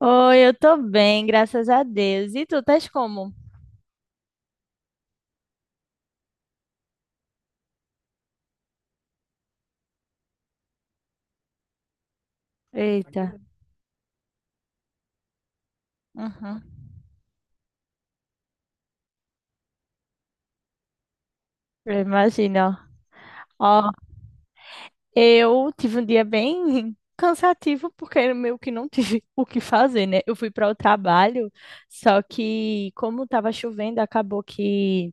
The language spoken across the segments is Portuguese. Oi, eu tô bem, graças a Deus. E tu, estás como? Eita. Uhum. Eu imagino. Ó, eu tive um dia bem cansativo porque eu meio que não tive o que fazer, né? Eu fui para o trabalho, só que como tava chovendo, acabou que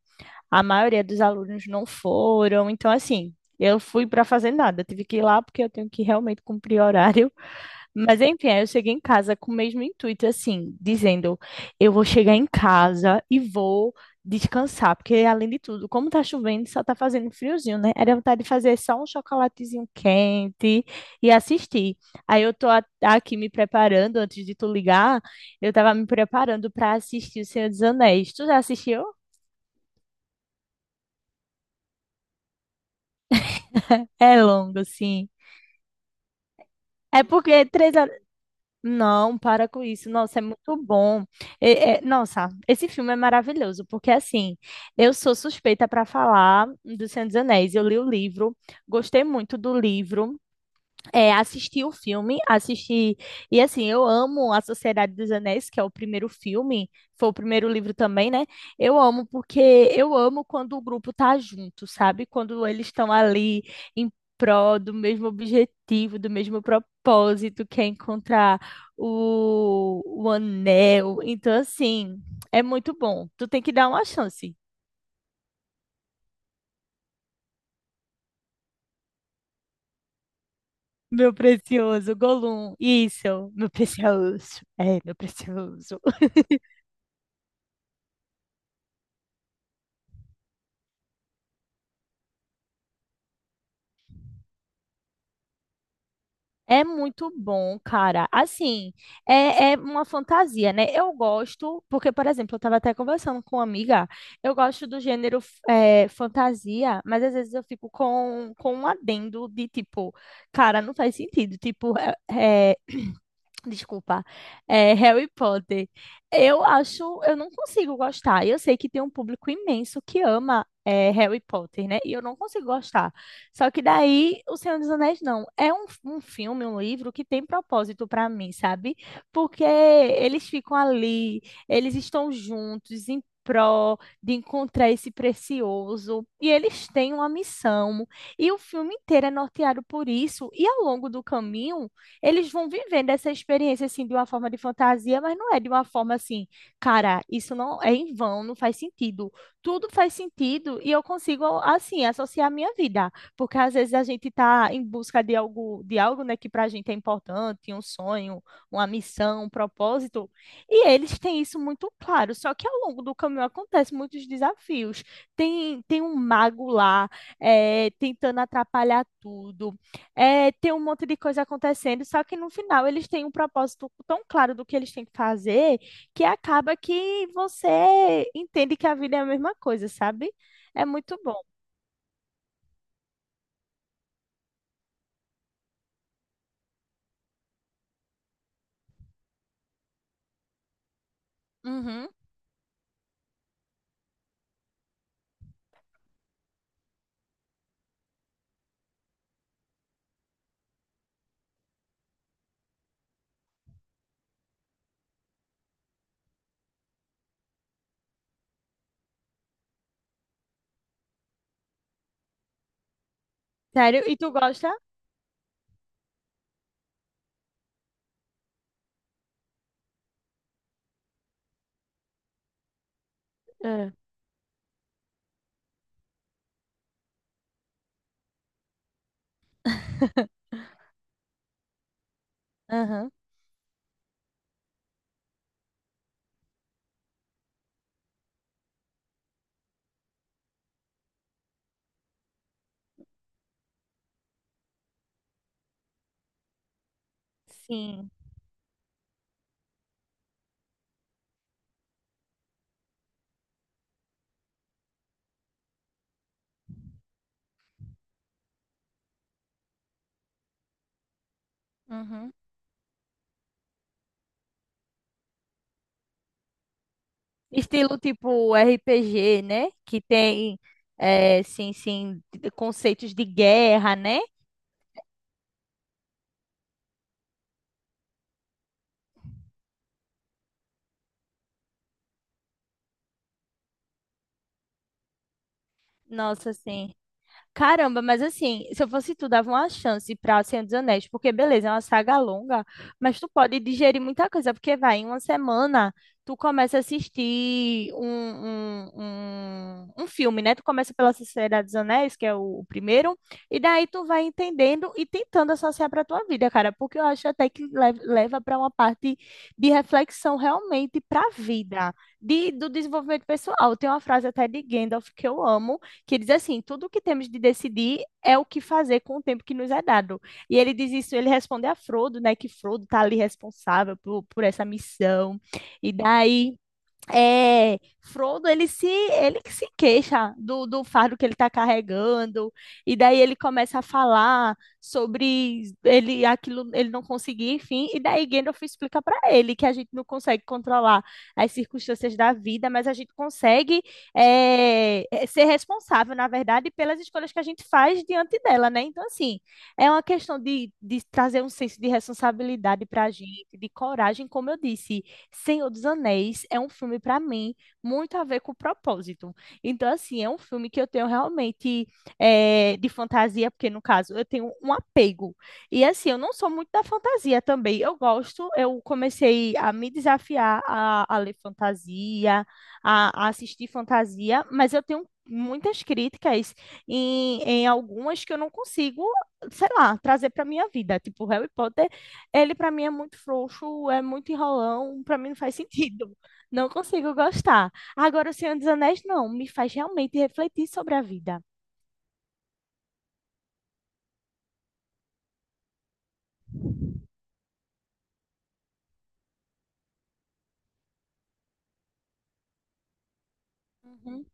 a maioria dos alunos não foram. Então, assim, eu fui para fazer nada. Tive que ir lá porque eu tenho que realmente cumprir horário. Mas enfim, aí eu cheguei em casa com o mesmo intuito, assim, dizendo: eu vou chegar em casa e vou descansar, porque além de tudo, como tá chovendo, só tá fazendo friozinho, né? Era vontade de fazer só um chocolatezinho quente e assistir. Aí eu tô aqui me preparando, antes de tu ligar, eu tava me preparando para assistir O Senhor dos Anéis. Tu já assistiu? É longo, sim. É porque três Não, para com isso. Nossa, é muito bom. Nossa, esse filme é maravilhoso, porque assim, eu sou suspeita para falar do Senhor dos Anéis. Eu li o livro, gostei muito do livro. É, assisti o filme, assisti. E assim, eu amo A Sociedade dos Anéis, que é o primeiro filme, foi o primeiro livro também, né? Eu amo porque eu amo quando o grupo tá junto, sabe? Quando eles estão ali em prol do mesmo objetivo, do mesmo propósito, que é encontrar o anel. Então, assim, é muito bom. Tu tem que dar uma chance. Meu precioso Gollum, isso, meu precioso. É muito bom, cara. Assim, é uma fantasia, né? Eu gosto, porque, por exemplo, eu estava até conversando com uma amiga, eu gosto do gênero fantasia, mas às vezes eu fico com um adendo de tipo, cara, não faz sentido. Tipo, é, Desculpa. É, Harry Potter. Eu acho, eu não consigo gostar. Eu sei que tem um público imenso que ama Harry Potter, né? E eu não consigo gostar. Só que daí, O Senhor dos Anéis não. É um filme, um livro que tem propósito para mim, sabe? Porque eles ficam ali, eles estão juntos em prol de encontrar esse precioso. E eles têm uma missão. E o filme inteiro é norteado por isso. E ao longo do caminho eles vão vivendo essa experiência assim de uma forma de fantasia, mas não é de uma forma assim, cara, isso não é em vão, não faz sentido. Tudo faz sentido e eu consigo assim associar a minha vida, porque às vezes a gente está em busca de algo, né, que para a gente é importante, um sonho, uma missão, um propósito, e eles têm isso muito claro. Só que ao longo do caminho acontecem muitos desafios. Tem um mago lá, tentando atrapalhar tudo. Tem um monte de coisa acontecendo, só que no final eles têm um propósito tão claro do que eles têm que fazer que acaba que você entende que a vida é a mesma coisa, sabe? É muito bom. Uhum. Sério? E tu gosta? É. Aham. Sim. Uhum. Estilo tipo RPG, né? Que tem, sim, sim, conceitos de guerra, né? Nossa, sim. Caramba, mas assim, se eu fosse tu, dava uma chance pra Senhor dos Anéis, porque beleza, é uma saga longa, mas tu pode digerir muita coisa, porque vai, em uma semana, tu começa a assistir um filme, né? Tu começa pela Sociedade dos Anéis, que é o primeiro, e daí tu vai entendendo e tentando associar pra tua vida, cara, porque eu acho até que leva pra uma parte de reflexão realmente pra vida, do desenvolvimento pessoal. Tem uma frase até de Gandalf que eu amo, que diz assim: tudo o que temos de decidir é o que fazer com o tempo que nos é dado. E ele diz isso, ele responde a Frodo, né? Que Frodo está ali responsável por essa missão. E daí, Frodo, ele que se queixa do fardo que ele está carregando, e daí ele começa a falar sobre ele aquilo ele não conseguir, enfim, e daí Gandalf explica para ele que a gente não consegue controlar as circunstâncias da vida, mas a gente consegue ser responsável, na verdade, pelas escolhas que a gente faz diante dela, né? Então, assim, é uma questão de trazer um senso de responsabilidade para a gente, de coragem, como eu disse. Senhor dos Anéis é um filme, para mim, muito a ver com o propósito. Então, assim, é um filme que eu tenho realmente de fantasia, porque, no caso, eu tenho um apego. E, assim, eu não sou muito da fantasia também. Eu gosto, eu comecei a me desafiar a ler fantasia, a assistir fantasia, mas eu tenho muitas críticas em algumas que eu não consigo, sei lá, trazer para minha vida. Tipo, Harry Potter ele pra mim é muito frouxo, é muito enrolão, pra mim não faz sentido. Não consigo gostar. Agora, O Senhor dos Anéis não, me faz realmente refletir sobre a vida. Uhum,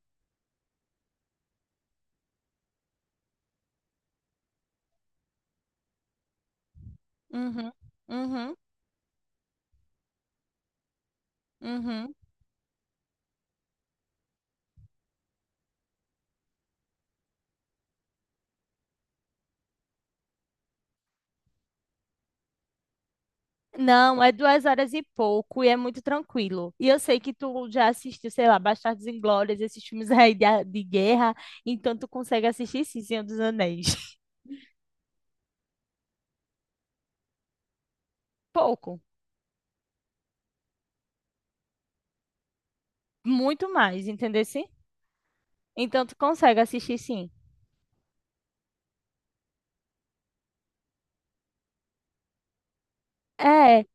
uhum, uhum, uhum. Não, é 2 horas e pouco e é muito tranquilo. E eu sei que tu já assistiu, sei lá, Bastardos Inglórios, esses filmes aí de guerra, então tu consegue assistir sim, Senhor dos Anéis. Pouco, muito mais, entendeu? Sim? Então tu consegue assistir sim. É,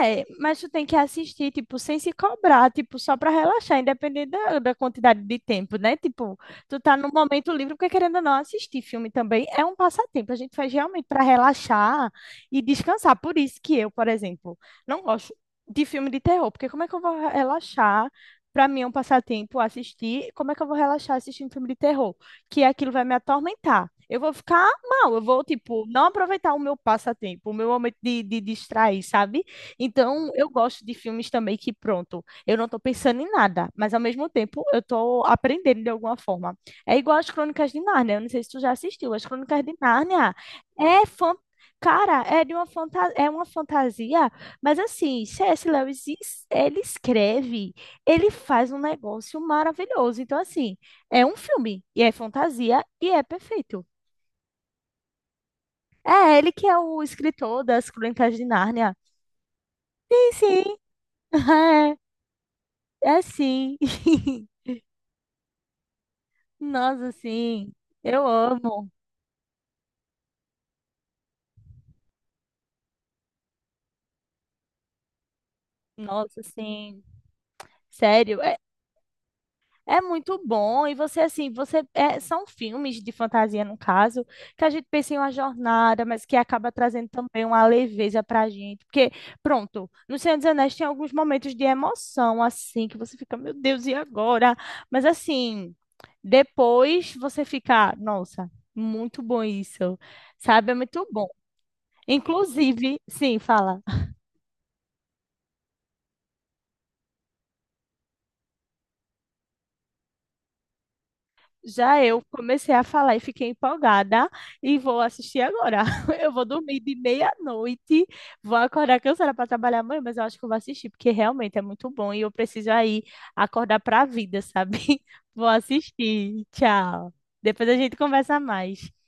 mas tu tem que assistir, tipo, sem se cobrar, tipo, só pra relaxar, independente da quantidade de tempo, né? Tipo, tu tá no momento livre, porque querendo ou não assistir filme também é um passatempo. A gente faz realmente pra relaxar e descansar. Por isso que eu, por exemplo, não gosto de filme de terror, porque como é que eu vou relaxar? Pra mim é um passatempo assistir. Como é que eu vou relaxar assistindo filme de terror? Que aquilo vai me atormentar. Eu vou ficar mal, eu vou, tipo, não aproveitar o meu passatempo, o meu momento de distrair, sabe? Então, eu gosto de filmes também que, pronto, eu não estou pensando em nada, mas ao mesmo tempo eu estou aprendendo de alguma forma. É igual as Crônicas de Nárnia, eu não sei se tu já assistiu, as Crônicas de Nárnia é fan... Cara, é uma fantasia, mas assim, C.S. Lewis, ele escreve, ele faz um negócio maravilhoso. Então, assim, é um filme, e é fantasia, e é perfeito. É ele que é o escritor das Crônicas de Nárnia. Sim, sim. É sim. Nossa, sim. Eu amo. Nossa, sim. Sério, é muito bom. E você, assim, são filmes de fantasia, no caso, que a gente pensa em uma jornada, mas que acaba trazendo também uma leveza pra gente. Porque, pronto, no Senhor dos Anéis tem alguns momentos de emoção, assim, que você fica, meu Deus, e agora? Mas, assim, depois você fica, nossa, muito bom isso. Sabe? É muito bom. Inclusive, sim, fala. Já eu comecei a falar e fiquei empolgada e vou assistir agora. Eu vou dormir de meia-noite, vou acordar cansada para trabalhar amanhã, mas eu acho que eu vou assistir, porque realmente é muito bom e eu preciso aí acordar para a vida, sabe? Vou assistir. Tchau. Depois a gente conversa mais.